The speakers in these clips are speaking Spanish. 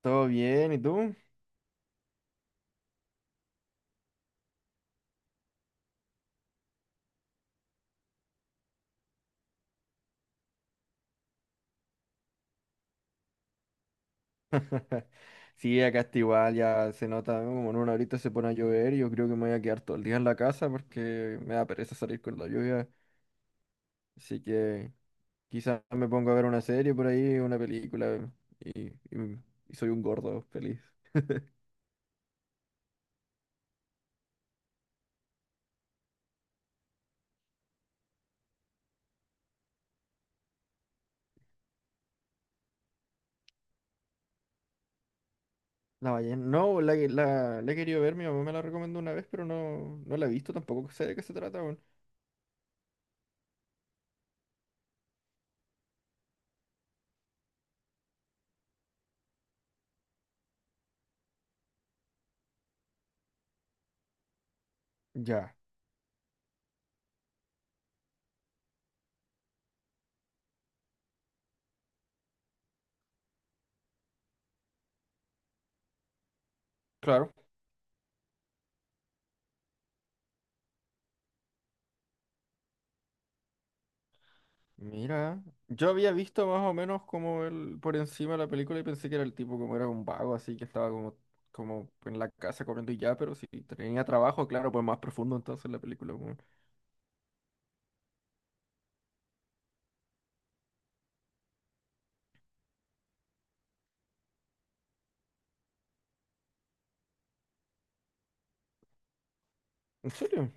¿Todo bien? ¿Y tú? Sí, acá está igual, ya se nota, ¿no? Como en una horita se pone a llover y yo creo que me voy a quedar todo el día en la casa porque me da pereza salir con la lluvia. Así que quizás me pongo a ver una serie por ahí, una película y, y- y soy un gordo feliz. La ballena. No, la, que- la he querido ver, mi mamá me la recomendó una vez, pero no la he visto tampoco, sé de qué se trata, weón. Ya. Claro. Mira, yo había visto más o menos como el, por encima de la película y pensé que era el tipo como era un vago, así que estaba como, como en la casa comiendo y ya, pero si tenía trabajo, claro, pues más profundo entonces la película, weón. ¿En serio?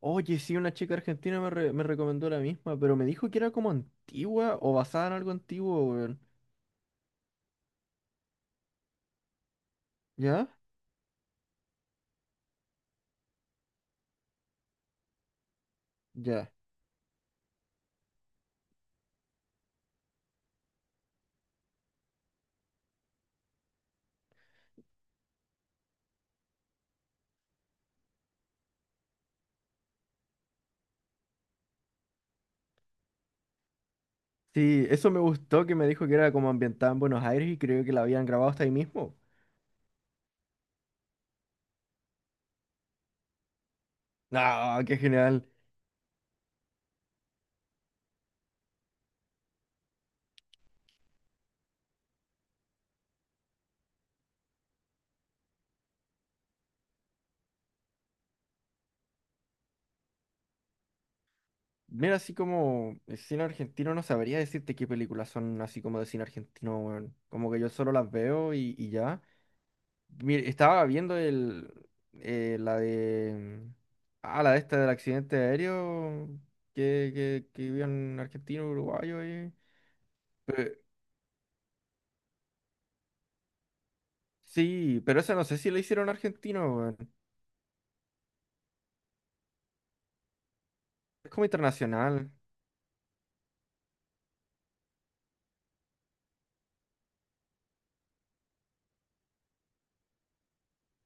Oye, sí, una chica argentina me recomendó la misma, pero me dijo que era como antigua o basada en algo antiguo, weón. ¿Ya? Ya. Sí, eso me gustó que me dijo que era como ambientada en Buenos Aires y creo que la habían grabado hasta ahí mismo. No, qué genial. Mira, así como el cine argentino, no sabría decirte qué películas son así como de cine argentino, weón. Como que yo solo las veo y ya. Mira, estaba viendo el, la de... Ah, la de esta del accidente aéreo que vivió en argentino, uruguayo. Pero, sí, pero esa no sé si la hicieron argentino, weón. Es como internacional.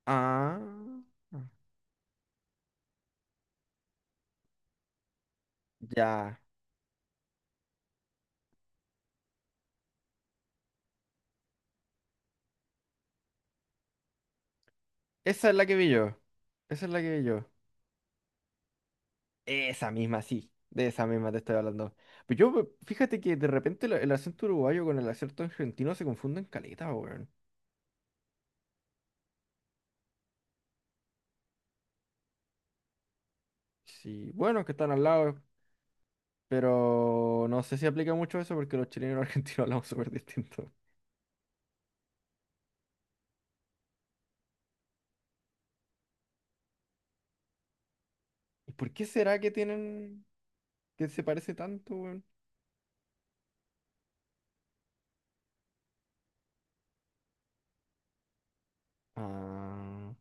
Ah, ya. Esa es la que vi yo. Esa es la que vi yo. Esa misma, sí. De esa misma te estoy hablando. Pero yo, pues, fíjate que de repente el acento uruguayo con el acento argentino se confunden caleta, weón. Sí, bueno, que están al lado, pero no sé si aplica mucho eso porque los chilenos y los argentinos hablamos súper distintos. ¿Y por qué será que tienen, que se parece tanto, weón? Ah,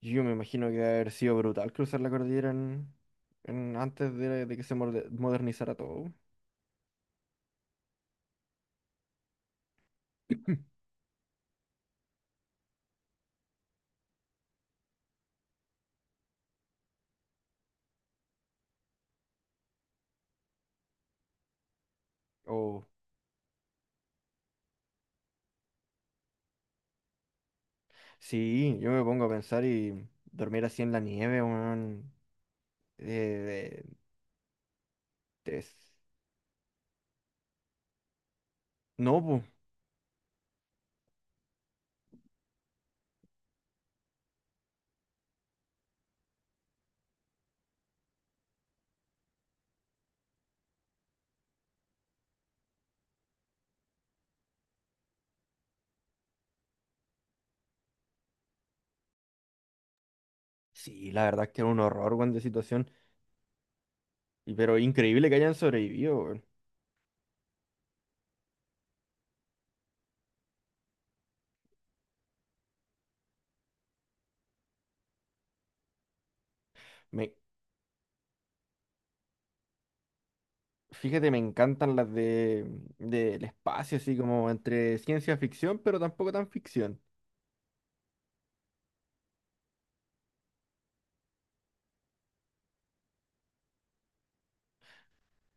yo me imagino que debe haber sido brutal cruzar la cordillera en, antes de que se modernizara todo. O sí, yo me pongo a pensar y dormir así en la nieve, weón. eh, de, es- No, pues. Sí, la verdad es que era un horror, weón, de situación. Y pero increíble que hayan sobrevivido, weón. Me... Fíjate, me encantan las de del espacio, así como entre ciencia ficción, pero tampoco tan ficción.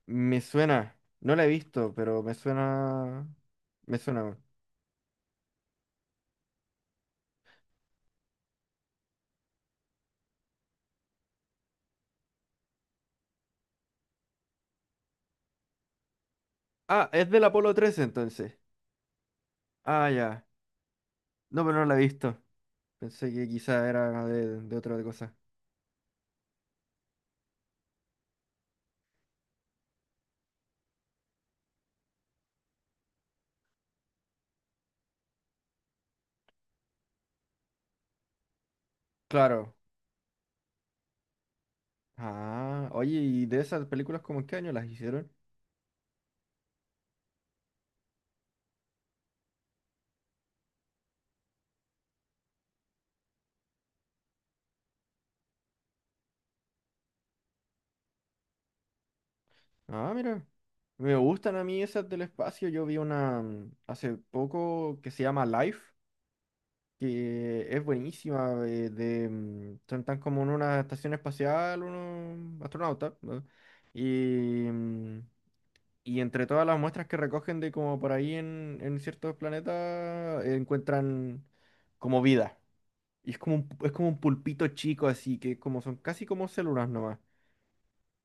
Me suena, no la he visto, pero me suena. Me suena, weón. Ah, es del Apolo 13 entonces. Ah, ya. No, pero no la he visto. Pensé que quizá era de otra cosa. Claro. Ah, oye, ¿y de esas películas como en qué año las hicieron? Ah, mira. Me gustan a mí esas del espacio. Yo vi una hace poco que se llama Life, que es buenísima. Son tan como en una estación espacial, unos astronautas, ¿no? Y, mm, y entre todas las muestras que recogen de como por ahí en ciertos planetas, encuentran como vida. Y es como un pulpito chico así, que como son casi como células nomás.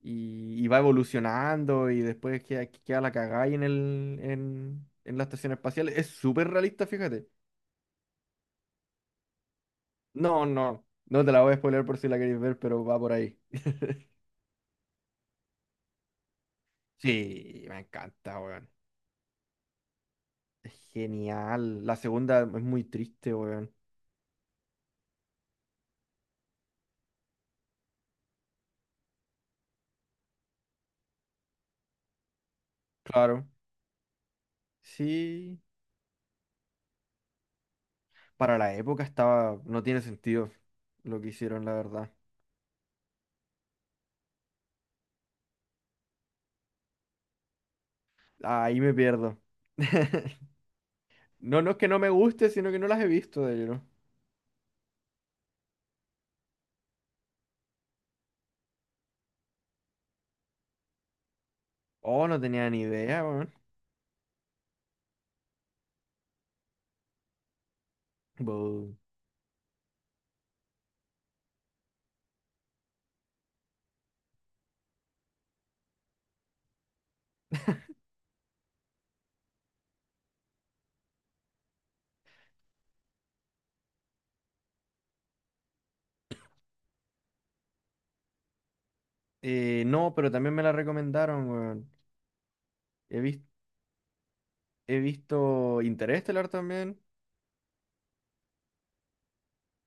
Y, y va evolucionando y después queda, queda la cagada ahí en el, en la estación espacial. Es súper realista, fíjate. No, no, no te la voy a spoiler por si la queréis ver, pero va por ahí. Sí, me encanta, weón. Es genial. La segunda es muy triste, weón. Claro. Sí. Para la época estaba. No tiene sentido lo que hicieron, la verdad. Ahí me pierdo. No, no es que no me guste, sino que no las he visto de lleno. Oh, no tenía ni idea, weón. Buh. No, pero también me la recomendaron, weón. He visto, he visto Interestelar también.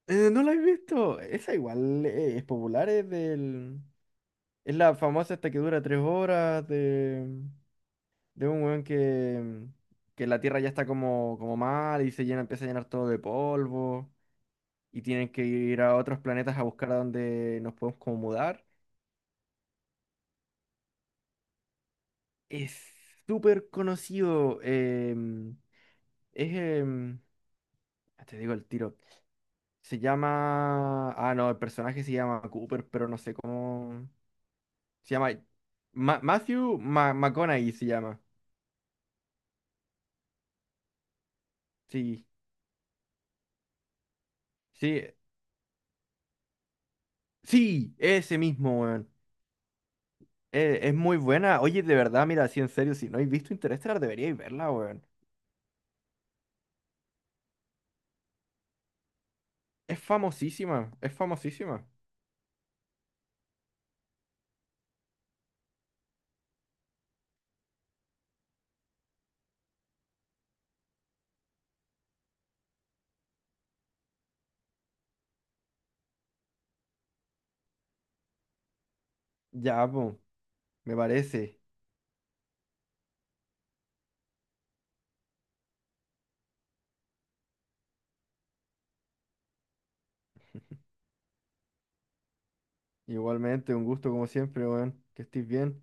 ¿No la he visto? Esa igual es popular, es del... Es la famosa esta que dura tres horas de un weón que la Tierra ya está como, como mal y se llena, empieza a llenar todo de polvo y tienen que ir a otros planetas a buscar a dónde nos podemos como mudar. Es súper conocido. Es... te digo el tiro. Se llama. Ah, no, el personaje se llama Cooper, pero no sé cómo. Se llama. Matthew McConaughey se llama. Sí, sí, sí, ese mismo, weón. Es muy buena. Oye, de verdad, mira, sí, en serio, si no habéis visto Interestelar, deberíais verla, weón. Es famosísima, es famosísima. Ya, po, me parece. Igualmente, un gusto como siempre, weón. Que estés bien.